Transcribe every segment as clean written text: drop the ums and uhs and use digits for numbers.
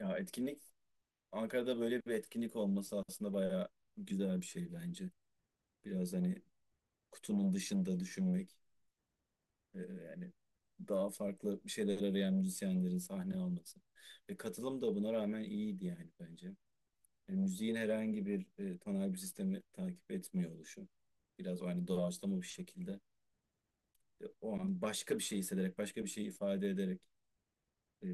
Etkinlik Ankara'da böyle bir etkinlik olması aslında bayağı güzel bir şey bence. Biraz kutunun dışında düşünmek, e, yani daha farklı bir şeyler arayan müzisyenlerin sahne alması. Ve katılım da buna rağmen iyiydi yani bence. Yani müziğin herhangi bir tonal bir sistemi takip etmiyor oluşu. Biraz o hani doğaçlama bir şekilde, o an başka bir şey hissederek, başka bir şey ifade ederek, e,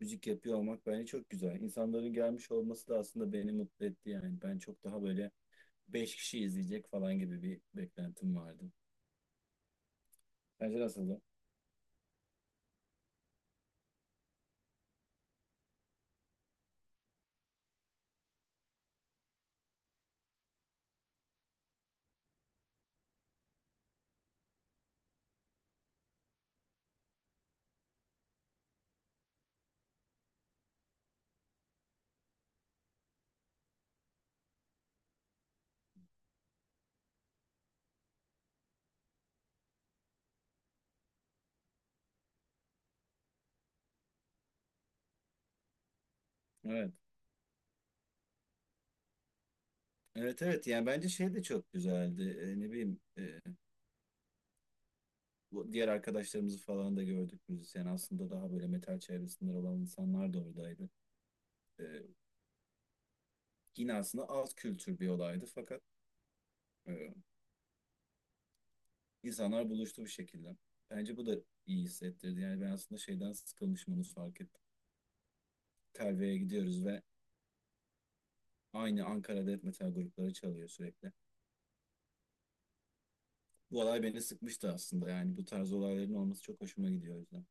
müzik yapıyor olmak bence çok güzel. İnsanların gelmiş olması da aslında beni mutlu etti yani. Ben çok daha böyle beş kişi izleyecek falan gibi bir beklentim vardı. Bence nasıldı? Evet. Evet, evet, yani bence şey de çok güzeldi. Ne bileyim, bu diğer arkadaşlarımızı falan da gördük müzisyen. Aslında daha böyle metal çevresinden olan insanlar da oradaydı. Ee, Yine aslında alt kültür bir olaydı fakat e, insanlar buluştu bir şekilde. Bence bu da iyi hissettirdi. Yani ben aslında şeyden sıkılmışım, onu fark ettim. Telve'ye gidiyoruz ve aynı Ankara death metal grupları çalıyor sürekli. Bu olay beni sıkmıştı aslında. Yani bu tarz olayların olması çok hoşuma gidiyor o yüzden.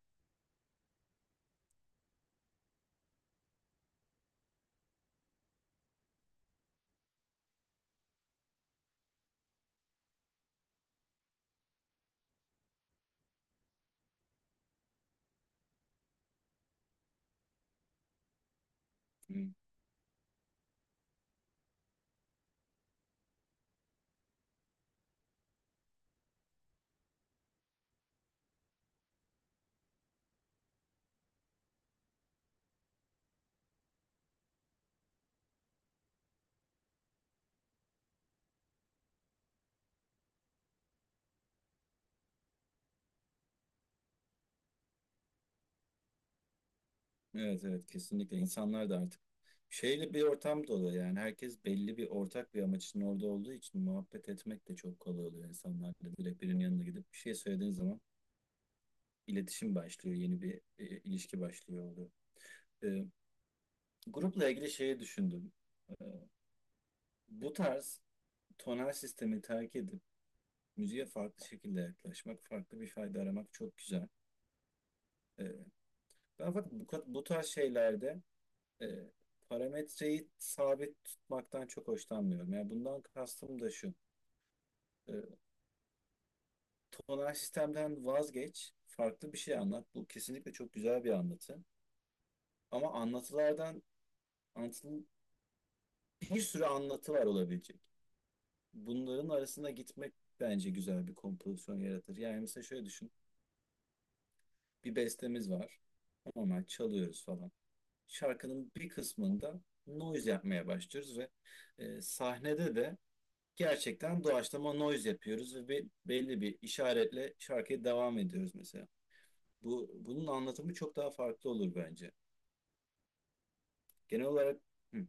Hı. Evet, evet, kesinlikle. İnsanlar da artık şeyle bir ortam dolu yani. Herkes belli bir ortak bir amaç için orada olduğu için muhabbet etmek de çok kolay oluyor insanlarla. Direkt birinin yanına gidip bir şey söylediğin zaman iletişim başlıyor. Yeni bir ilişki başlıyor oluyor. E, Grupla ilgili şeyi düşündüm. E, Bu tarz tonal sistemi terk edip müziğe farklı şekilde yaklaşmak, farklı bir fayda aramak çok güzel. E, Ben fakat bu tarz şeylerde e, parametreyi sabit tutmaktan çok hoşlanmıyorum. Yani bundan kastım da şu. E, Tonal sistemden vazgeç, farklı bir şey anlat. Bu kesinlikle çok güzel bir anlatı. Ama anlatı- bir sürü anlatı var olabilecek. Bunların arasına gitmek bence güzel bir kompozisyon yaratır. Yani mesela şöyle düşün. Bir bestemiz var. Normal çalıyoruz falan. Şarkının bir kısmında noise yapmaya başlıyoruz ve sahnede de gerçekten doğaçlama noise yapıyoruz ve belli bir işaretle şarkıya devam ediyoruz mesela. Bunun anlatımı çok daha farklı olur bence. Genel olarak hı,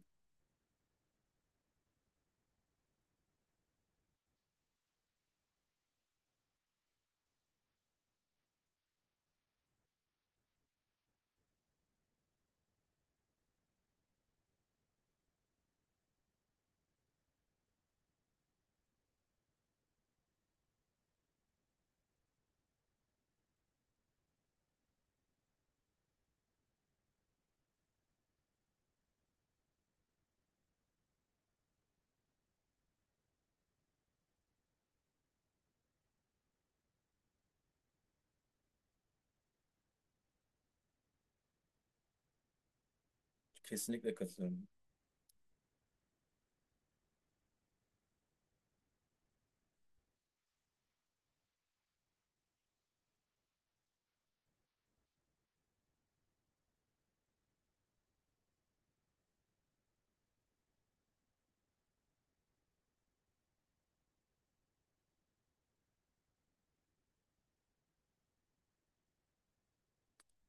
kesinlikle katılıyorum.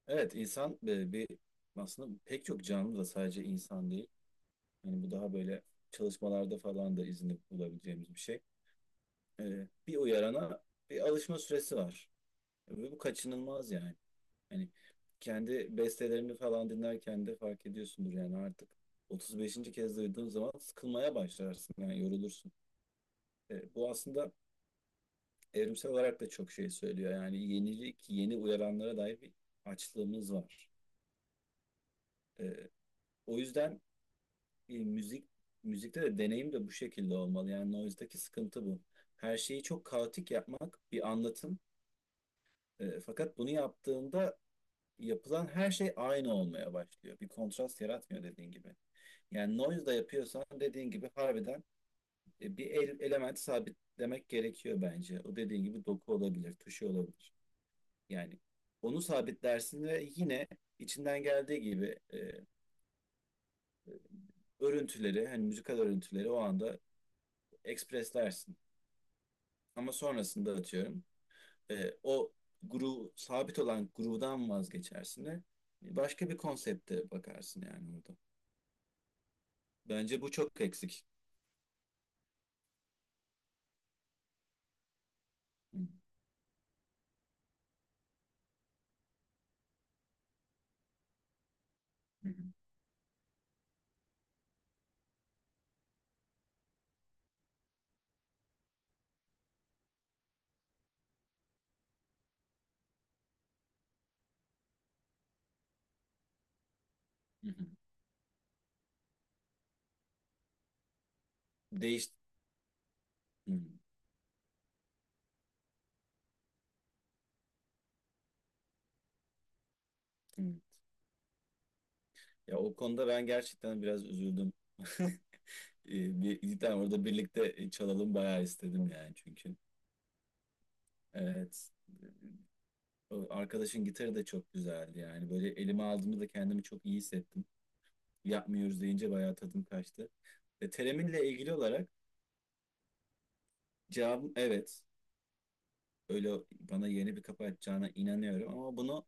Evet, insan e, bir aslında pek çok canlı da, sadece insan değil. Yani bu daha böyle çalışmalarda falan da izini bulabileceğimiz bir şey. Bir uyarana bir alışma süresi var. Ve bu kaçınılmaz yani. Hani kendi bestelerini falan dinlerken de fark ediyorsundur yani, artık 35. kez duyduğun zaman sıkılmaya başlarsın yani yorulursun. Bu aslında evrimsel olarak da çok şey söylüyor, yani yenilik, yeni uyaranlara dair bir açlığımız var. E, O yüzden e, müzik müzikte de deneyim de bu şekilde olmalı, yani noise'daki sıkıntı bu. Her şeyi çok kaotik yapmak bir anlatım. Fakat bunu yaptığında yapılan her şey aynı olmaya başlıyor. Bir kontrast yaratmıyor dediğin gibi. Yani noise da yapıyorsan dediğin gibi harbiden element sabitlemek gerekiyor bence. O dediğin gibi doku olabilir, tuşu olabilir. Yani onu sabitlersin ve yine içinden geldiği gibi, örüntüleri, hani müzikal örüntüleri o anda ekspreslersin. Ama sonrasında atıyorum o groove, sabit olan groove'dan vazgeçersin ve başka bir konsepte bakarsın yani orada. Bence bu çok eksik. Hı hı. Değiş... Hı hı. Ya o konuda ben gerçekten biraz üzüldüm. Bir, iki tane orada birlikte çalalım bayağı istedim yani çünkü. Evet. O arkadaşın gitarı da çok güzeldi yani. Böyle elime aldığımda da kendimi çok iyi hissettim. Yapmıyoruz deyince bayağı tadım kaçtı. Tereminle ilgili olarak cevabım evet. Öyle bana yeni bir kapı açacağına inanıyorum ama bunu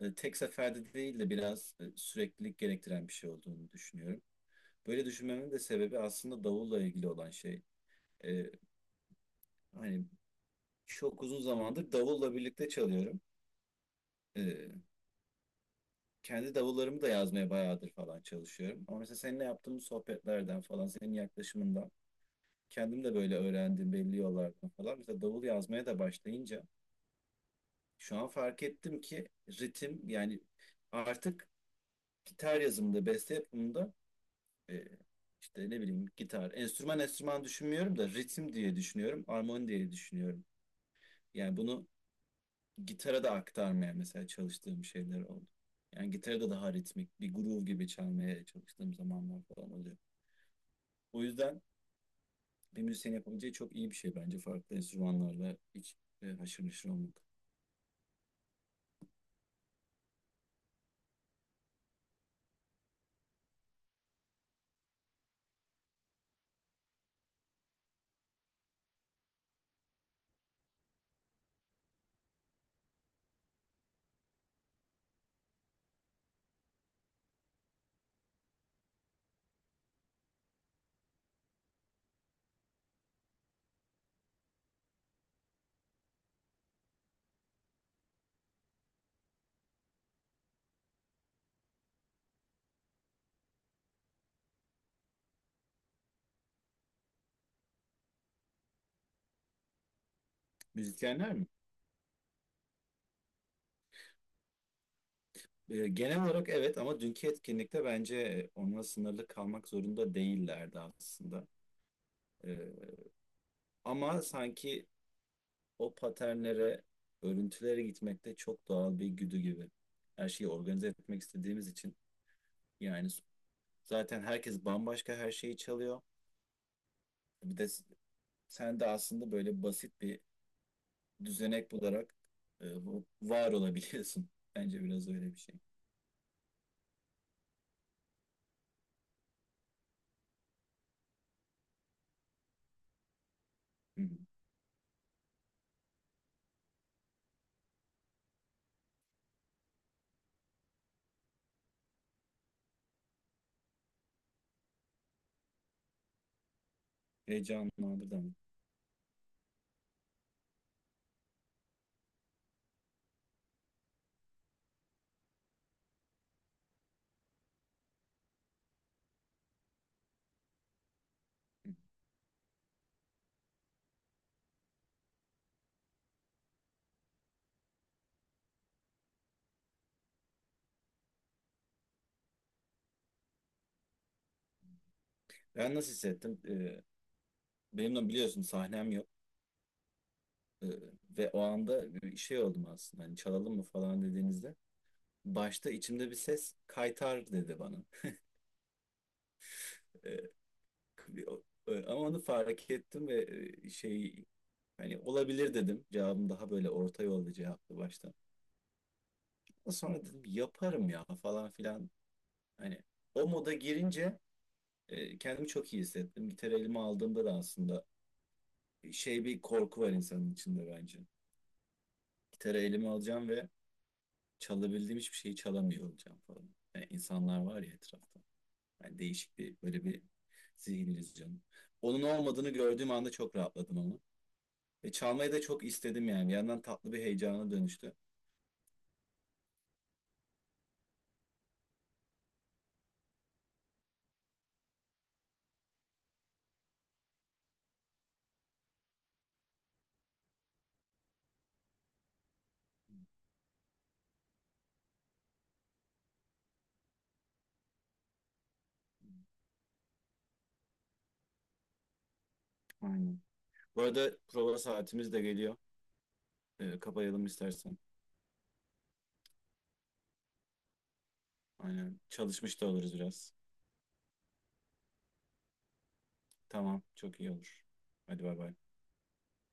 tek seferde değil de biraz süreklilik gerektiren bir şey olduğunu düşünüyorum. Böyle düşünmemin de sebebi aslında davulla ilgili olan şey. E, Hani Çok uzun zamandır davulla birlikte çalıyorum. Ee, Kendi davullarımı da yazmaya bayağıdır falan çalışıyorum. Ama mesela seninle yaptığımız sohbetlerden falan, senin yaklaşımından kendim de böyle öğrendim belli yollardan falan. Mesela davul yazmaya da başlayınca şu an fark ettim ki ritim yani artık gitar yazımında, beste yapımında, e, işte ne bileyim, gitar, enstrüman düşünmüyorum da ritim diye düşünüyorum, armoni diye düşünüyorum. Yani bunu gitara da aktarmaya mesela çalıştığım şeyler oldu. Yani gitara da daha ritmik bir groove gibi çalmaya çalıştığım zamanlar falan oluyor. O yüzden bir müzisyen yapabileceği çok iyi bir şey bence farklı enstrümanlarla hiç haşır neşir olmak. Müzisyenler mi? Genel olarak evet, ama dünkü etkinlikte bence onunla sınırlı kalmak zorunda değillerdi aslında. E, Ama sanki o paternlere, örüntülere gitmekte çok doğal bir güdü gibi. Her şeyi organize etmek istediğimiz için yani. Zaten herkes bambaşka her şeyi çalıyor. Bir de sen de aslında böyle basit bir düzenek bularak, var olabiliyorsun. Bence biraz öyle bir şey. Hı hı. Heyecanlandırdı ama. Ben nasıl hissettim? Benimle biliyorsun sahnem yok. E, Ve o anda bir şey oldum aslında. Hani çalalım mı falan dediğinizde. Başta içimde bir ses kaytar dedi bana. E, o- Ama onu fark ettim ve e, şey hani olabilir dedim. Cevabım daha böyle orta yolda cevaptı başta. Sonra dedim yaparım ya falan filan. Hani o moda girince kendimi çok iyi hissettim. Gitarı elime aldığımda da aslında şey, bir korku var insanın içinde bence. Gitarı elime alacağım ve çalabildiğim hiçbir şeyi çalamıyor olacağım falan. Yani insanlar var ya etrafta. Yani değişik bir böyle bir zihin illüzyonu. Onun olmadığını gördüğüm anda çok rahatladım ama. Ve çalmayı da çok istedim yani. Bir yandan tatlı bir heyecana dönüştü. Aynen. Bu arada prova saatimiz de geliyor. Kapayalım istersen. Aynen. Çalışmış da oluruz biraz. Tamam. Çok iyi olur. Hadi bay bay.